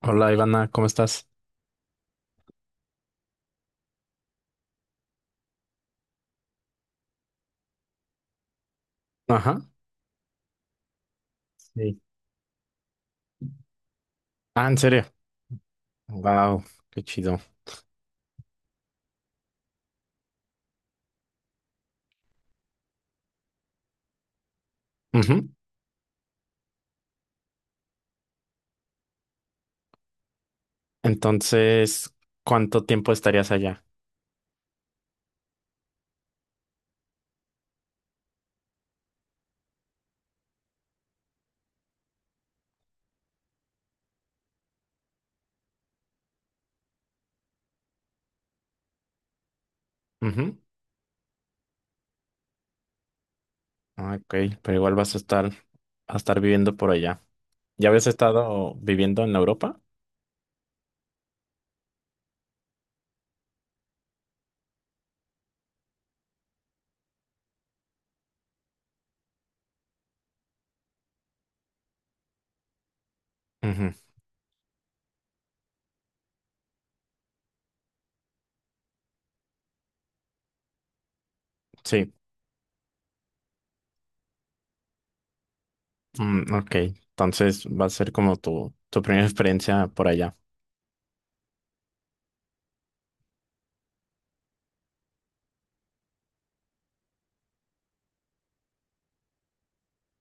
Hola Ivana, ¿cómo estás? Ajá. Sí. Ah, ¿en serio? Wow, qué chido. Ujú. Entonces, ¿cuánto tiempo estarías allá? Ujú. Ah, ok, pero igual vas a estar viviendo por allá. ¿Ya habías estado viviendo en Europa? Ujú. Sí. Mm, ok, entonces va a ser como tu primera experiencia por allá.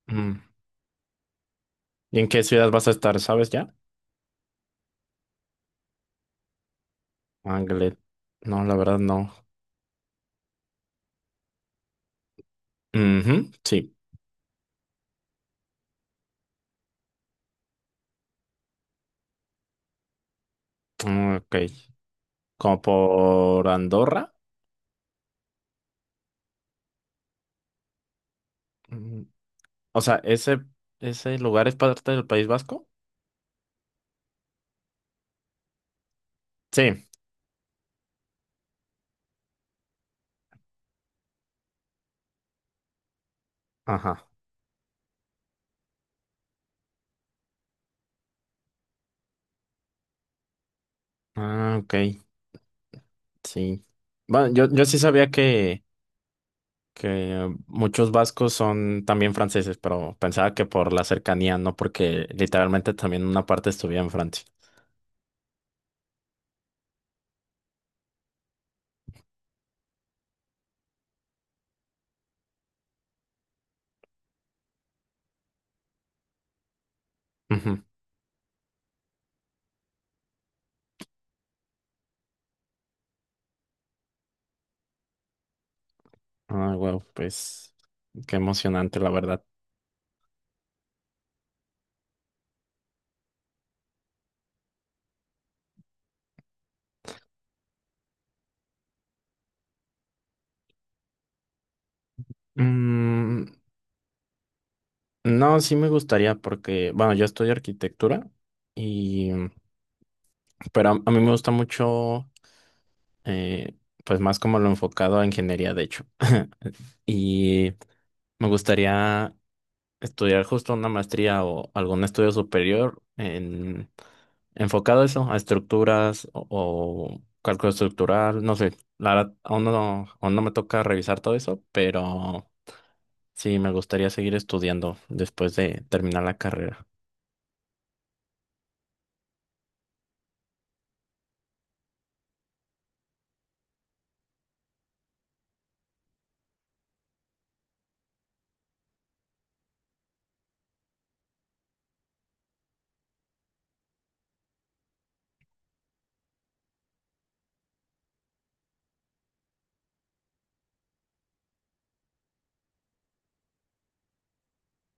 Mm. ¿Y en qué ciudad vas a estar? ¿Sabes ya? Ángeles. No, la verdad no. Ujú, sí. Mm, ok. ¿Como por Andorra? O sea, ¿ese lugar es parte del País Vasco? Sí. Ajá. Ah, ok. Sí. Bueno, yo sí sabía que muchos vascos son también franceses, pero pensaba que por la cercanía, no porque literalmente también una parte estuviera en Francia. Ujú. Ah, wow, pues qué emocionante, la verdad. Mm, no, sí me gustaría porque, bueno, yo estudio arquitectura y, pero a mí me gusta mucho, eh, pues más como lo enfocado a ingeniería, de hecho. Y me gustaría estudiar justo una maestría o algún estudio superior en, enfocado a eso, a estructuras o cálculo estructural, no sé, la verdad, aún no me toca revisar todo eso, pero sí me gustaría seguir estudiando después de terminar la carrera.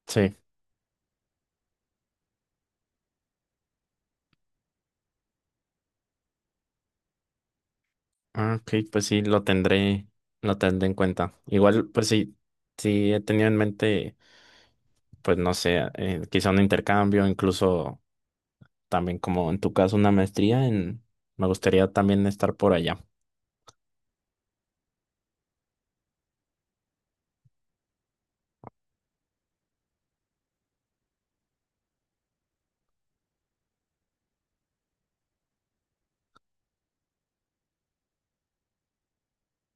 Sí. Ah, ok, pues sí, lo tendré en cuenta. Igual, pues sí, sí he tenido en mente, pues no sé, quizá un intercambio, incluso también como en tu caso una maestría en, me gustaría también estar por allá.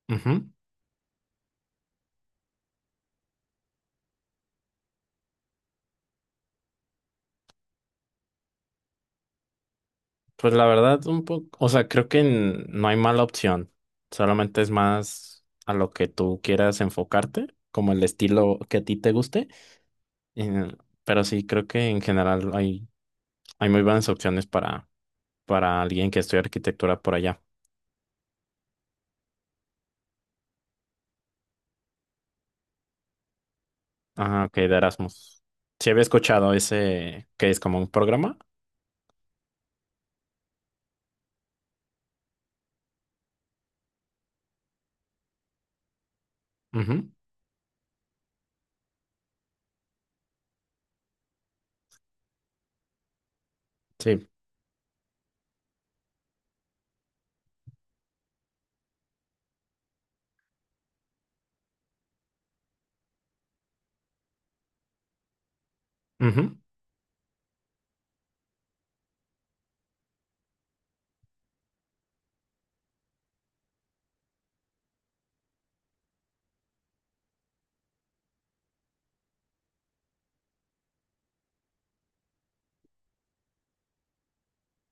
Ujú. Pues la verdad, un poco, o sea, creo que no hay mala opción, solamente es más a lo que tú quieras enfocarte, como el estilo que a ti te guste, eh, pero sí, creo que en general hay, hay muy buenas opciones para alguien que estudia arquitectura por allá. Ah, ok, de Erasmus. Sí había escuchado ese, que es como un programa. Ujú, sí. Ujú,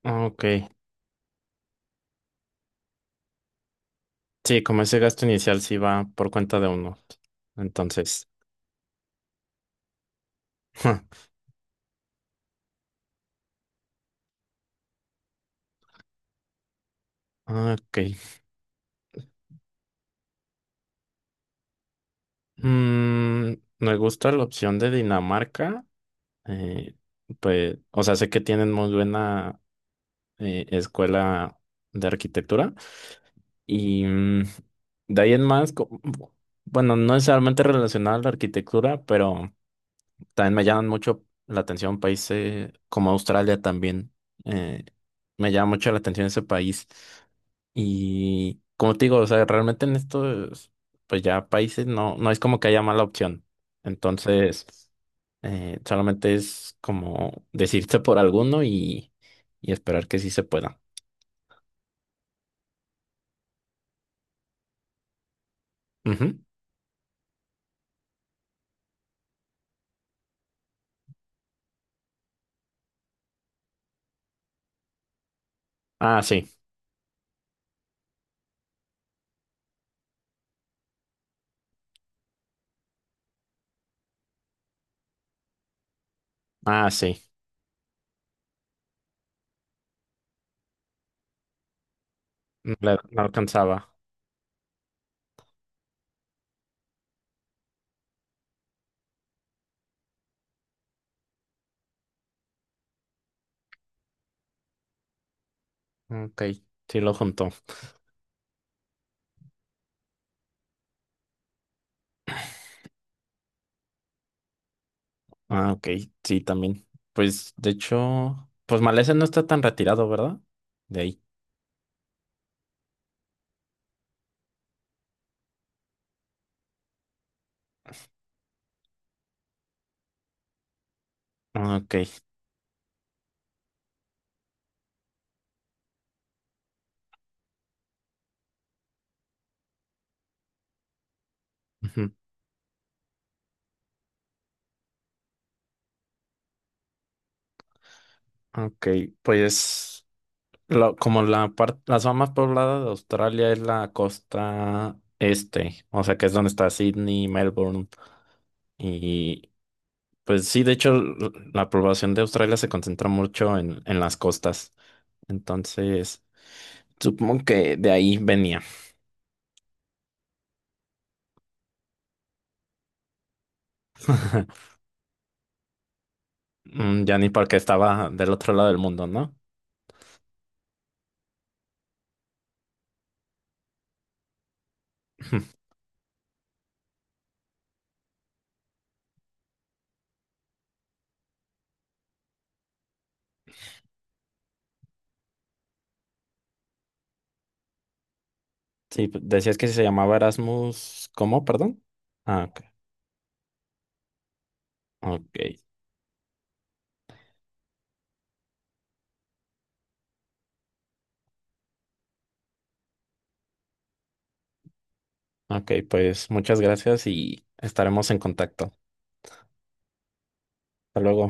ah, ok. Sí, como ese gasto inicial sí va por cuenta de uno, entonces, ah, ok. Mm, me gusta la opción de Dinamarca. eh, pues, o sea, sé que tienen muy buena escuela de arquitectura. Y mm, de ahí en más, bueno, no necesariamente relacionada a la arquitectura, pero también me llaman mucho la atención países como Australia también. eh, Me llama mucho la atención ese país. Y como te digo, o sea, realmente en estos, pues ya países no, no es como que haya mala opción. Entonces, solamente es como decirte por alguno y esperar que sí se pueda. Ujú. Ah, sí, ah, sí. No, no alcanzaba. Ok, sí lo juntó. Ah, ok, sí, también. Pues de hecho, pues Malese no está tan retirado, ¿verdad? De ahí. Ah, ok, ujú, ok, pues como la parte, la zona más poblada de Australia es la costa este, o sea que es donde está Sydney, Melbourne, y pues sí, de hecho la población de Australia se concentra mucho en las costas, entonces supongo que de ahí venía, Mm, ya ni porque estaba del otro lado del mundo, ¿no? Sí, decías que se llamaba Erasmus, ¿cómo? Perdón. Ah, ok. Ok, ok, pues muchas gracias y estaremos en contacto. Hasta luego.